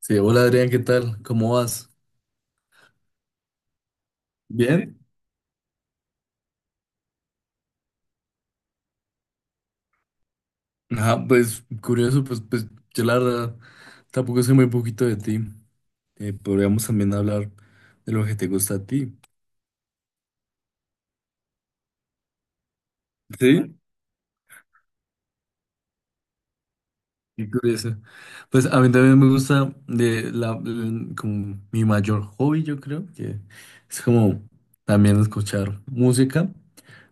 Sí, hola Adrián, ¿qué tal? ¿Cómo vas? Bien. Ajá, pues curioso, pues yo la verdad tampoco sé muy poquito de ti. Podríamos también hablar de lo que te gusta a ti. Sí. Qué curioso. Pues a mí también me gusta de la, como mi mayor hobby, yo creo, que es como también escuchar música,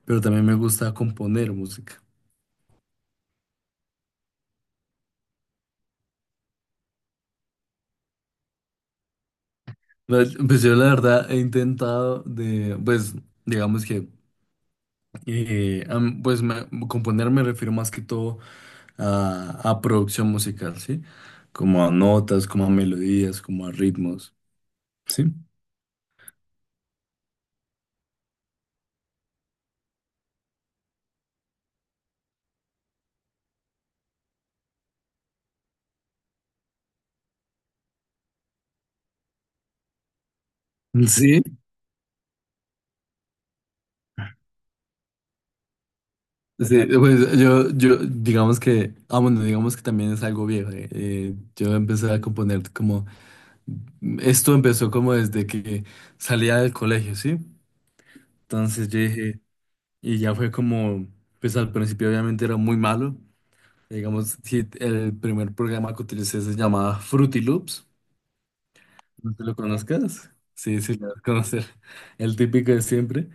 pero también me gusta componer música. Yo la verdad he intentado de, pues digamos que… Componer me refiero más que todo a producción musical, ¿sí? Como a notas, como a melodías, como a ritmos, ¿sí? Sí, sí, pues yo digamos que, ah bueno, digamos que también es algo viejo. Yo empecé a componer como, esto empezó como desde que salía del colegio, ¿sí? Entonces yo dije, y ya fue como, pues al principio obviamente era muy malo. Digamos, si el primer programa que utilicé se llamaba Fruity Loops, no te lo conozcas. Sí, sí, lo vas a conocer. El típico de siempre.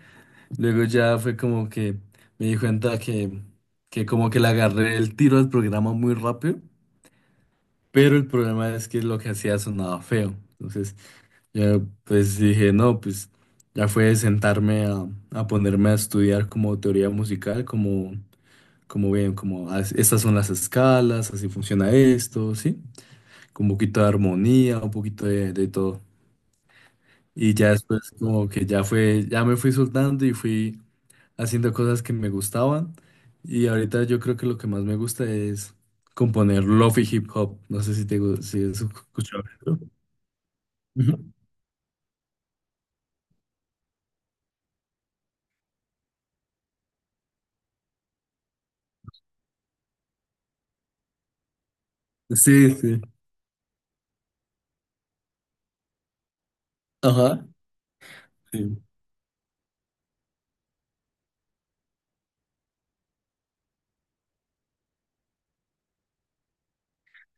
Luego ya fue como que me di cuenta que como que le agarré el tiro al programa muy rápido, pero el problema es que lo que hacía sonaba feo. Entonces, yo pues dije, no, pues ya fue de sentarme a ponerme a estudiar como teoría musical, como, como bien, como: "Ah, estas son las escalas, así funciona esto, ¿sí?" Un poquito de armonía, un poquito de todo. Y ya después como que ya fue, ya me fui soltando y fui haciendo cosas que me gustaban. Y ahorita yo creo que lo que más me gusta es componer lofi hip hop. No sé si si has escuchado eso. Ujú. Sí, sí. Ajá. Sí.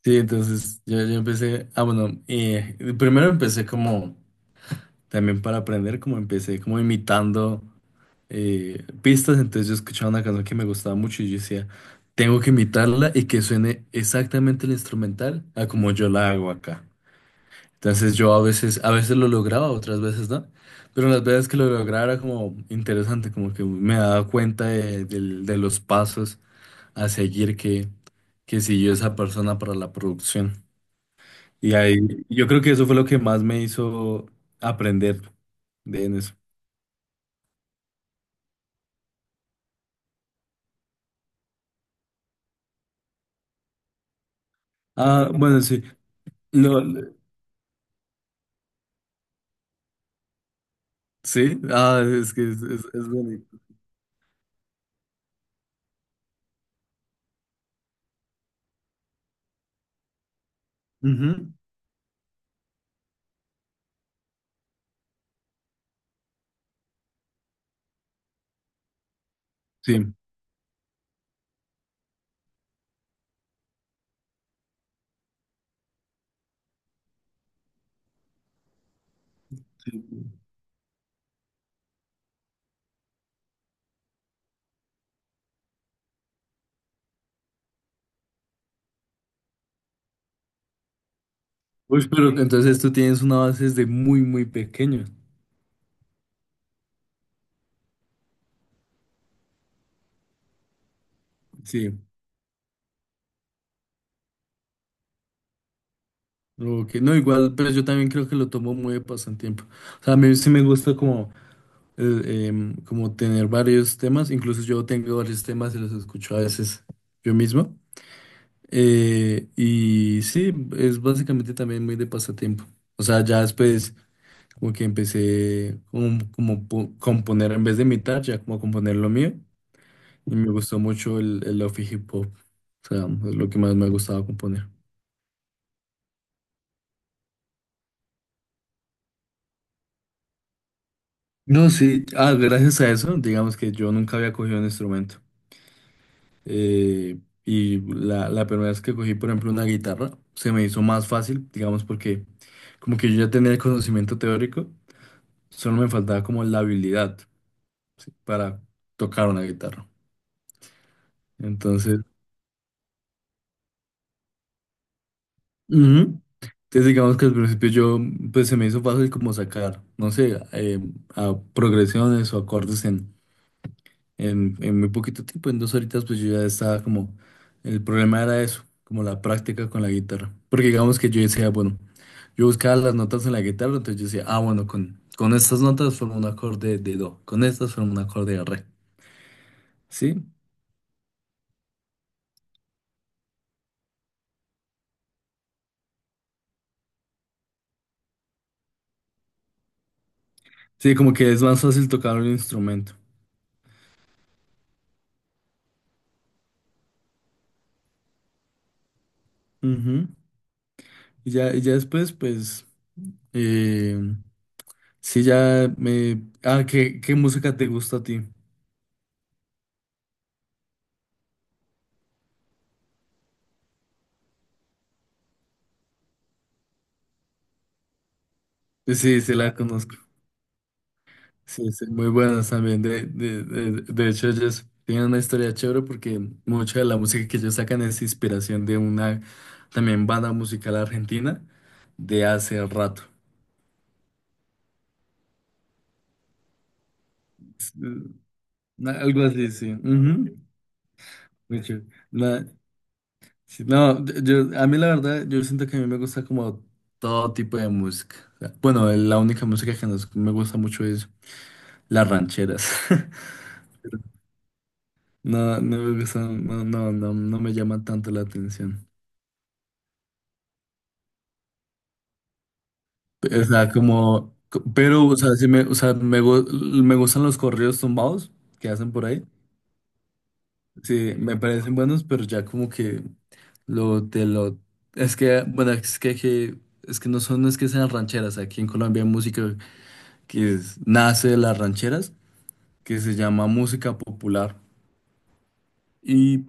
Sí, entonces yo empecé, ah, bueno, primero empecé como, también para aprender, como empecé como imitando. Pistas, entonces yo escuchaba una canción que me gustaba mucho y yo decía, tengo que imitarla y que suene exactamente el instrumental a como yo la hago acá. Entonces yo a veces lo lograba, otras veces no, pero las veces que lo lograba era como interesante, como que me daba cuenta de, de los pasos a seguir que siguió esa persona para la producción. Y ahí yo creo que eso fue lo que más me hizo aprender de en eso. Ah, bueno, sí. Sí, ah, es que es, es bonito. Ujú. Sí. Uy, pero entonces tú tienes una base desde muy, muy pequeño. Sí. Ok, no, igual, pero yo también creo que lo tomo muy de pasatiempo. O sea, a mí sí me gusta como, como tener varios temas. Incluso yo tengo varios temas y los escucho a veces yo mismo. Y sí, es básicamente también muy de pasatiempo. O sea, ya después como que empecé como, componer en vez de imitar, ya como a componer lo mío. Y me gustó mucho el lofi hip hop. O sea, es lo que más me gustaba componer. No, sí, ah, gracias a eso, digamos que yo nunca había cogido un instrumento. Y la primera vez que cogí, por ejemplo, una guitarra, se me hizo más fácil, digamos, porque como que yo ya tenía el conocimiento teórico, solo me faltaba como la habilidad para tocar una guitarra. Entonces, ujú. Entonces digamos que al principio yo, pues se me hizo fácil como sacar, no sé, a progresiones o acordes en en muy poquito tiempo, en 2 horitas, pues yo ya estaba como, el problema era eso, como la práctica con la guitarra. Porque digamos que yo decía, bueno, yo buscaba las notas en la guitarra, entonces yo decía, ah, bueno, con estas notas formo un acorde de do, con estas formo un acorde de re, ¿sí? Sí, como que es más fácil tocar un instrumento. Ujú. Y ya después, pues, eh, sí, ya me... Ah, ¿qué, qué música te gusta a ti? Sí, sí, la conozco. Sí, sí, muy buenas también. De, de hecho, ellos tienen una historia chévere porque mucha de la música que ellos sacan es inspiración de una también banda musical argentina de hace rato. Es, algo así, sí. Ujú. Muy chévere. Na- sí, no, yo, a mí la verdad, yo siento que a mí me gusta como todo tipo de música. O sea, bueno, la única música que me gusta mucho es las rancheras. No, no me gustan, no, no, no, no me llama tanto la atención. O sea, como, pero, o sea, sí me, o sea, me, me gustan los corridos tumbados que hacen por ahí. Sí, me parecen buenos, pero ya como que lo te lo… Es que bueno, es que, es que no son, no es que sean rancheras, aquí en Colombia hay música que nace de las rancheras, que se llama música popular, y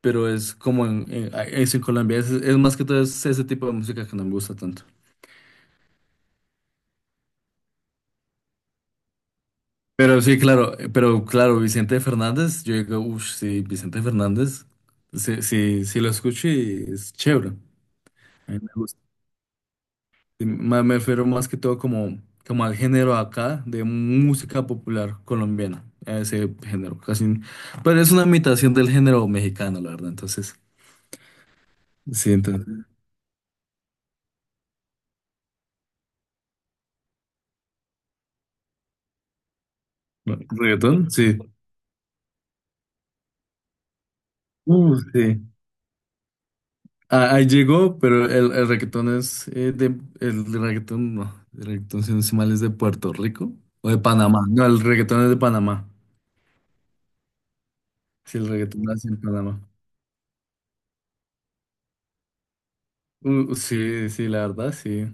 pero es como en, es en Colombia, es más que todo es ese tipo de música que no me gusta tanto. Pero sí, claro, pero claro, Vicente Fernández, yo digo, uff, sí, Vicente Fernández, sí, sí, sí lo escucho y es chévere. A mí me gusta. Y me refiero más que todo como, como al género acá de música popular colombiana, a ese género, casi. Pero es una imitación del género mexicano, la verdad, entonces. Sí, entonces. Bueno, ¿reggaetón? Sí. Sí. Ah, ahí llegó, pero el reggaetón es de el reggaetón no, el reggaetón si no estoy mal, es de Puerto Rico o de Panamá. No, el reggaetón es de Panamá. Sí, el reggaetón nace en Panamá. Sí, sí, la verdad, sí.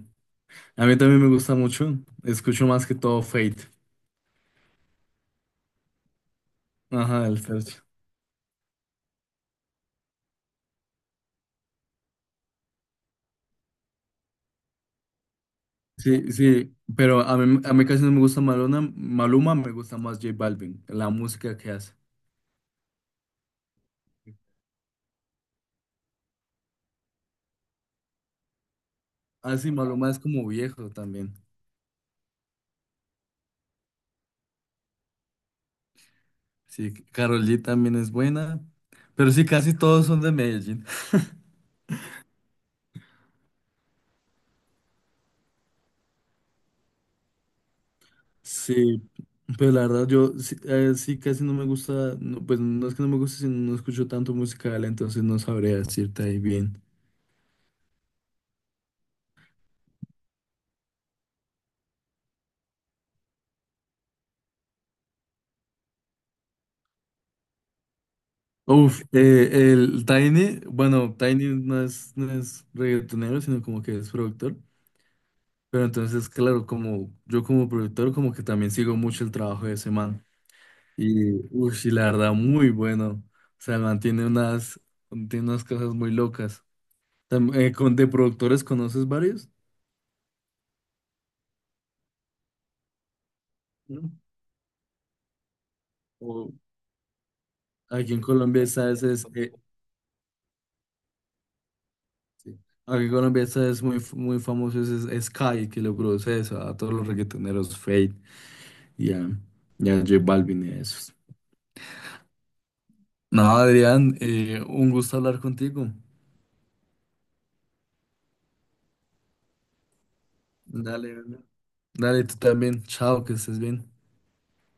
A mí también me gusta mucho. Escucho más que todo Fate. Ajá, el Fercho. Sí, sí, pero a mí casi no me gusta Maluma, Maluma me gusta más J Balvin, la música que hace. Ah, sí, Maluma es como viejo también. Sí, Karol G también es buena, pero sí, casi todos son de Medellín. Sí, pero la verdad yo sí, sí casi no me gusta, no, pues no es que no me guste, sino no escucho tanto musical, entonces no sabría decirte ahí bien. Uf, el Tiny, bueno, Tiny no es reggaetonero, sino como que es productor, pero entonces, claro, como yo como productor, como que también sigo mucho el trabajo de ese man, y, uf, y la verdad, muy bueno, o sea, mantiene unas, tiene unas cosas muy locas. ¿De productores conoces varios? ¿No? O aquí en Colombia sabes es, sí. Aquí en Colombia está es muy, muy famoso es Sky que lo produce eso, a todos los reggaetoneros Fate y a, y a J Balvin y a esos. No, Adrián, un gusto hablar contigo. Dale, dale, dale, tú también. Chao, que estés bien.